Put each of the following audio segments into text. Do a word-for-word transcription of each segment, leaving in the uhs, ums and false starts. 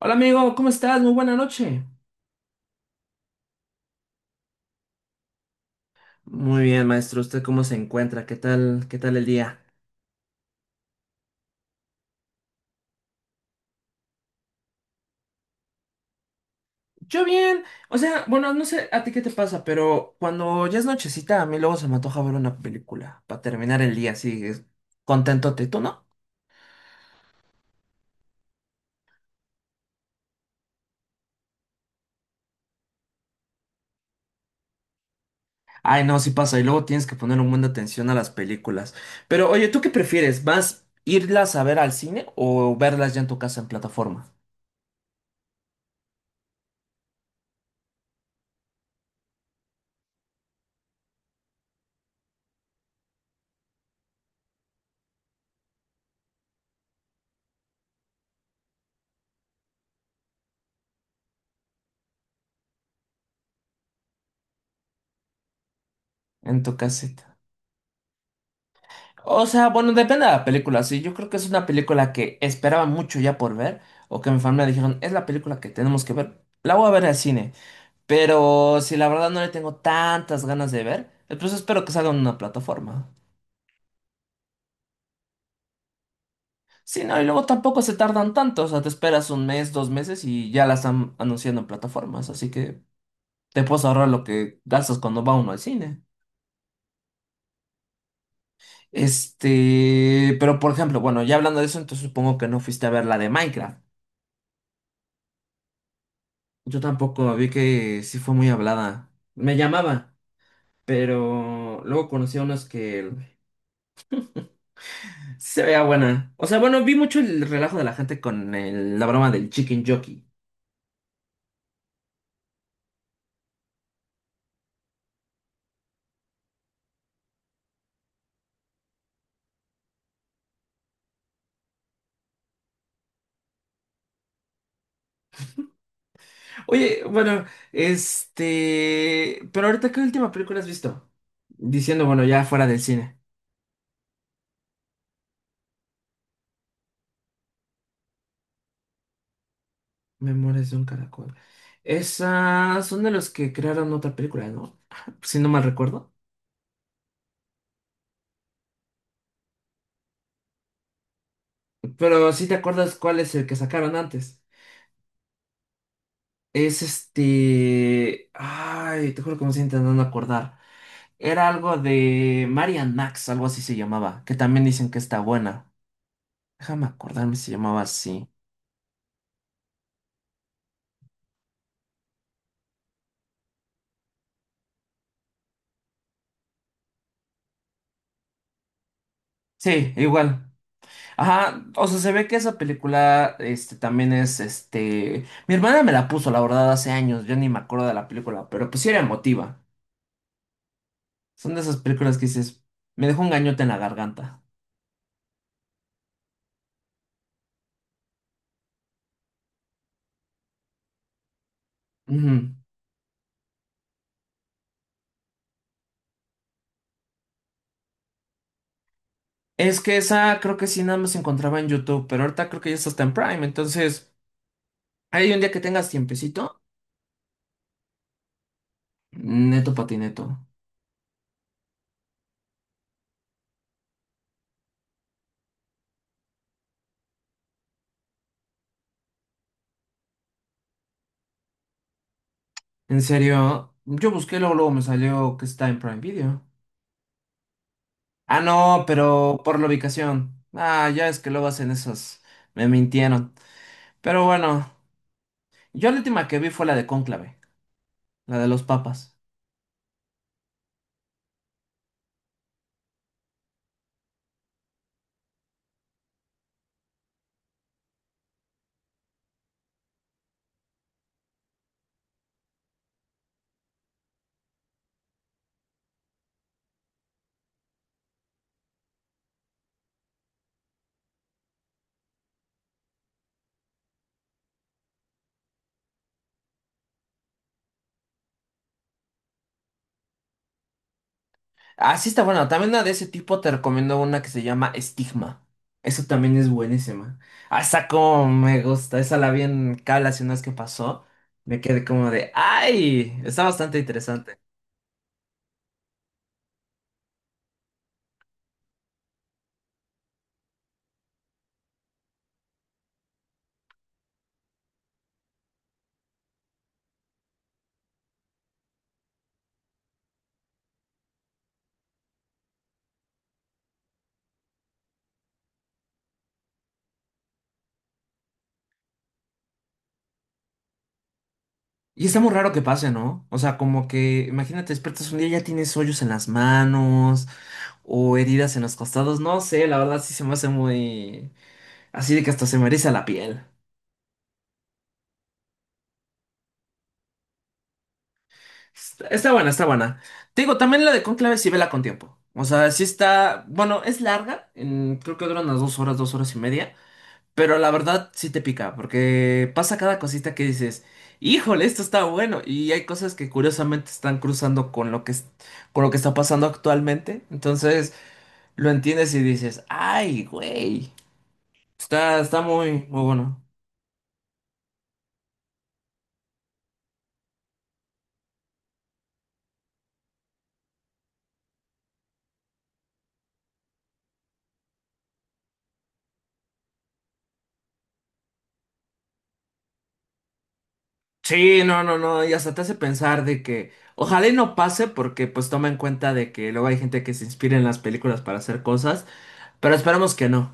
Hola amigo, ¿cómo estás? Muy buena noche. Muy bien, maestro. ¿Usted cómo se encuentra? ¿Qué tal? ¿Qué tal el día? Yo bien, o sea, bueno, no sé a ti qué te pasa, pero cuando ya es nochecita, a mí luego se me antoja ver una película para terminar el día así, es- contentote, ¿tú no? Ay, no, sí pasa, y luego tienes que poner un buen de atención a las películas. Pero oye, ¿tú qué prefieres? ¿Vas irlas a ver al cine o verlas ya en tu casa en plataforma? En tu casa. O sea, bueno, depende de la película, sí. Yo creo que es una película que esperaba mucho ya por ver, o que mi familia dijeron, es la película que tenemos que ver, la voy a ver al cine. Pero si la verdad no le tengo tantas ganas de ver, entonces espero que salga en una plataforma. Sí, no, y luego tampoco se tardan tanto, o sea, te esperas un mes, dos meses y ya la están anunciando en plataformas, así que te puedes ahorrar lo que gastas cuando va uno al cine. Este, pero por ejemplo, bueno, ya hablando de eso, entonces supongo que no fuiste a ver la de Minecraft. Yo tampoco vi que sí fue muy hablada. Me llamaba, pero luego conocí a unos que se veía buena. O sea, bueno, vi mucho el relajo de la gente con el- la broma del Chicken Jockey. Oye, bueno, este... pero ahorita, ¿qué última película has visto? Diciendo, bueno, ya fuera del cine. Memorias de un caracol. Esas son de los que crearon otra película, ¿no? Si no mal recuerdo. Pero sí te acuerdas cuál es el que sacaron antes. Es este. Ay, te juro que me estoy intentando acordar. Era algo de Marian Max, algo así se llamaba, que también dicen que está buena. Déjame acordarme si se llamaba así. Sí, igual. Ajá, o sea, se ve que esa película, este, también es, este, mi hermana me la puso, la verdad, hace años, yo ni me acuerdo de la película, pero pues sí era emotiva. Son de esas películas que dices, me dejó un gañote en la garganta. Ujú. Es que esa creo que sí nada más se encontraba en YouTube, pero ahorita creo que ya está hasta en Prime, entonces hay un día que tengas tiempecito, neto patineto. En serio, yo busqué, luego, luego me salió que está en Prime Video. Ah, no, pero por la ubicación. Ah, ya es que luego hacen esos. Me mintieron. Pero bueno, yo la última que vi fue la de Cónclave, la de los papas. Ah, sí está buena. También una de ese tipo te recomiendo una que se llama Estigma. Eso también es buenísima. Ah, esa como me gusta. Esa la vi en cable hace unas que pasó. Me quedé como de, ¡ay! Está bastante interesante. Y está muy raro que pase, ¿no? O sea, como que, imagínate, despiertas un día y ya tienes hoyos en las manos o heridas en los costados. No sé, la verdad sí se me hace muy... Así de que hasta se me eriza la piel. Está, está buena, está buena. Te digo, también la de Cónclave sí vela con tiempo. O sea, sí está... Bueno, es larga. En- creo que dura unas dos horas, dos horas y media. Pero la verdad sí te pica, porque pasa cada cosita que dices, híjole, esto está bueno. Y hay cosas que curiosamente están cruzando con lo que, es- con lo que está pasando actualmente. Entonces lo entiendes y dices, ay, güey, está, está muy, muy bueno. Sí, no, no, no, y hasta te hace pensar de que ojalá y no pase porque pues toma en cuenta de que luego hay gente que se inspira en las películas para hacer cosas, pero esperamos que no.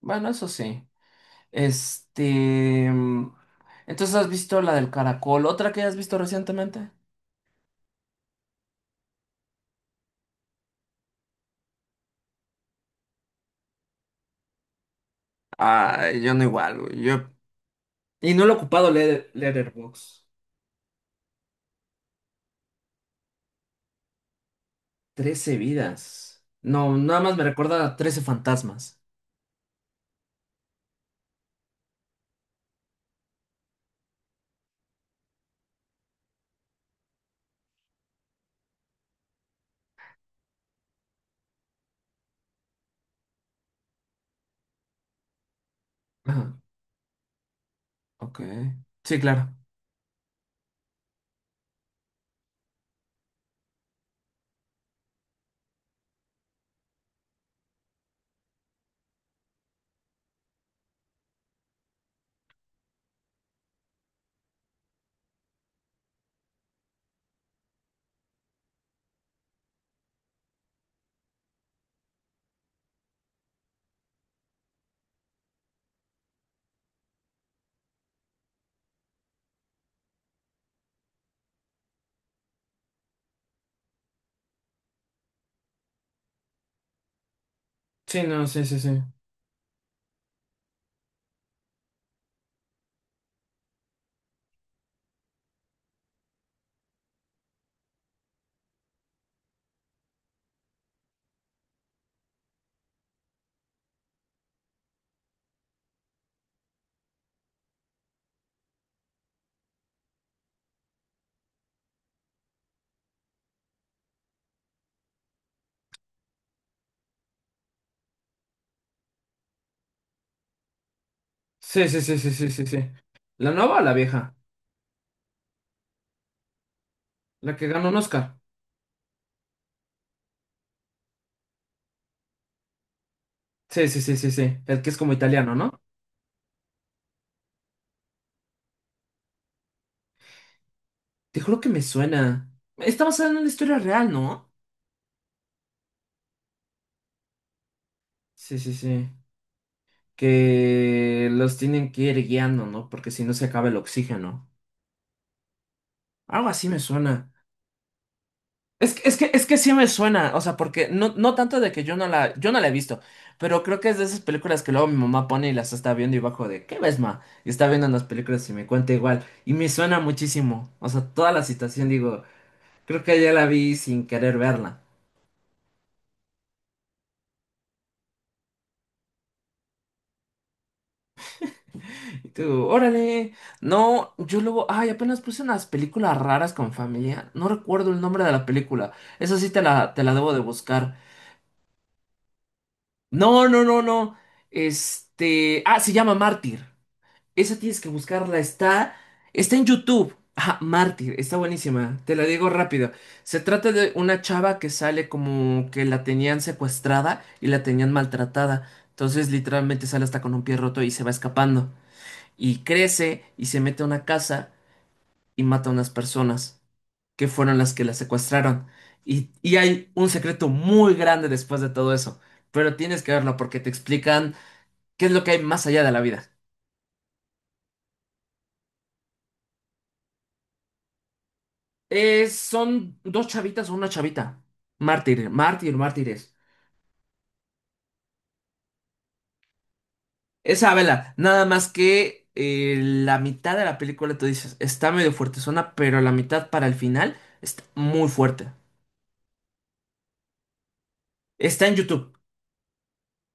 Bueno, eso sí. Este. mm, Entonces, ¿has visto la del caracol? ¿Otra que has visto recientemente? Ah, yo no igual, güey. Yo, Y no lo he ocupado leer Letterboxd. Trece vidas. No, nada más me recuerda a Trece fantasmas. Ajá, ok. Sí, claro. Sí, no, sí, sí, sí. Sí, sí, sí, sí, sí, sí, sí. ¿La nueva o la vieja? La que ganó un Oscar. Sí, sí, sí, sí, sí. El que es como italiano, ¿no? Te juro que me suena. Está basada en una historia real, ¿no? Sí, sí, sí, que los tienen que ir guiando, ¿no? Porque si no se acaba el oxígeno. Algo así me suena. Es que, es que, es que sí me suena, o sea, porque no, no tanto de que yo no la, yo no la he visto, pero creo que es de esas películas que luego mi mamá pone y las está viendo y bajo de, ¿qué ves, ma? Y está viendo las películas y me cuenta igual. Y me suena muchísimo, o sea, toda la situación, digo, creo que ya la vi sin querer verla. Y tú, órale. No, yo luego, ay, apenas puse unas películas raras con familia. No recuerdo el nombre de la película. Esa sí te la, te la debo de buscar. No, no, no, no. Este, ah, se llama Mártir. Esa tienes que buscarla. Está, está en YouTube. Ah, Mártir, está buenísima. Te la digo rápido. Se trata de una chava que sale como que la tenían secuestrada y la tenían maltratada. Entonces, literalmente sale hasta con un pie roto y se va escapando. Y crece y se mete a una casa y mata a unas personas que fueron las que la secuestraron. Y, y hay un secreto muy grande después de todo eso, pero tienes que verlo porque te explican qué es lo que hay más allá de la vida. Eh, son dos chavitas o una chavita. Mártir, mártir, mártires. Esa vela, nada más que eh, la mitad de la película tú dices, está medio fuertezona, pero la mitad para el final está muy fuerte. Está en YouTube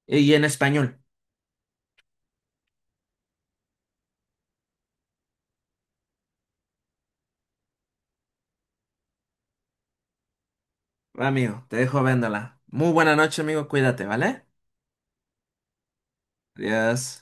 eh, y en español. Amigo, te dejo viéndola. Muy buena noche, amigo, cuídate, ¿vale? Adiós.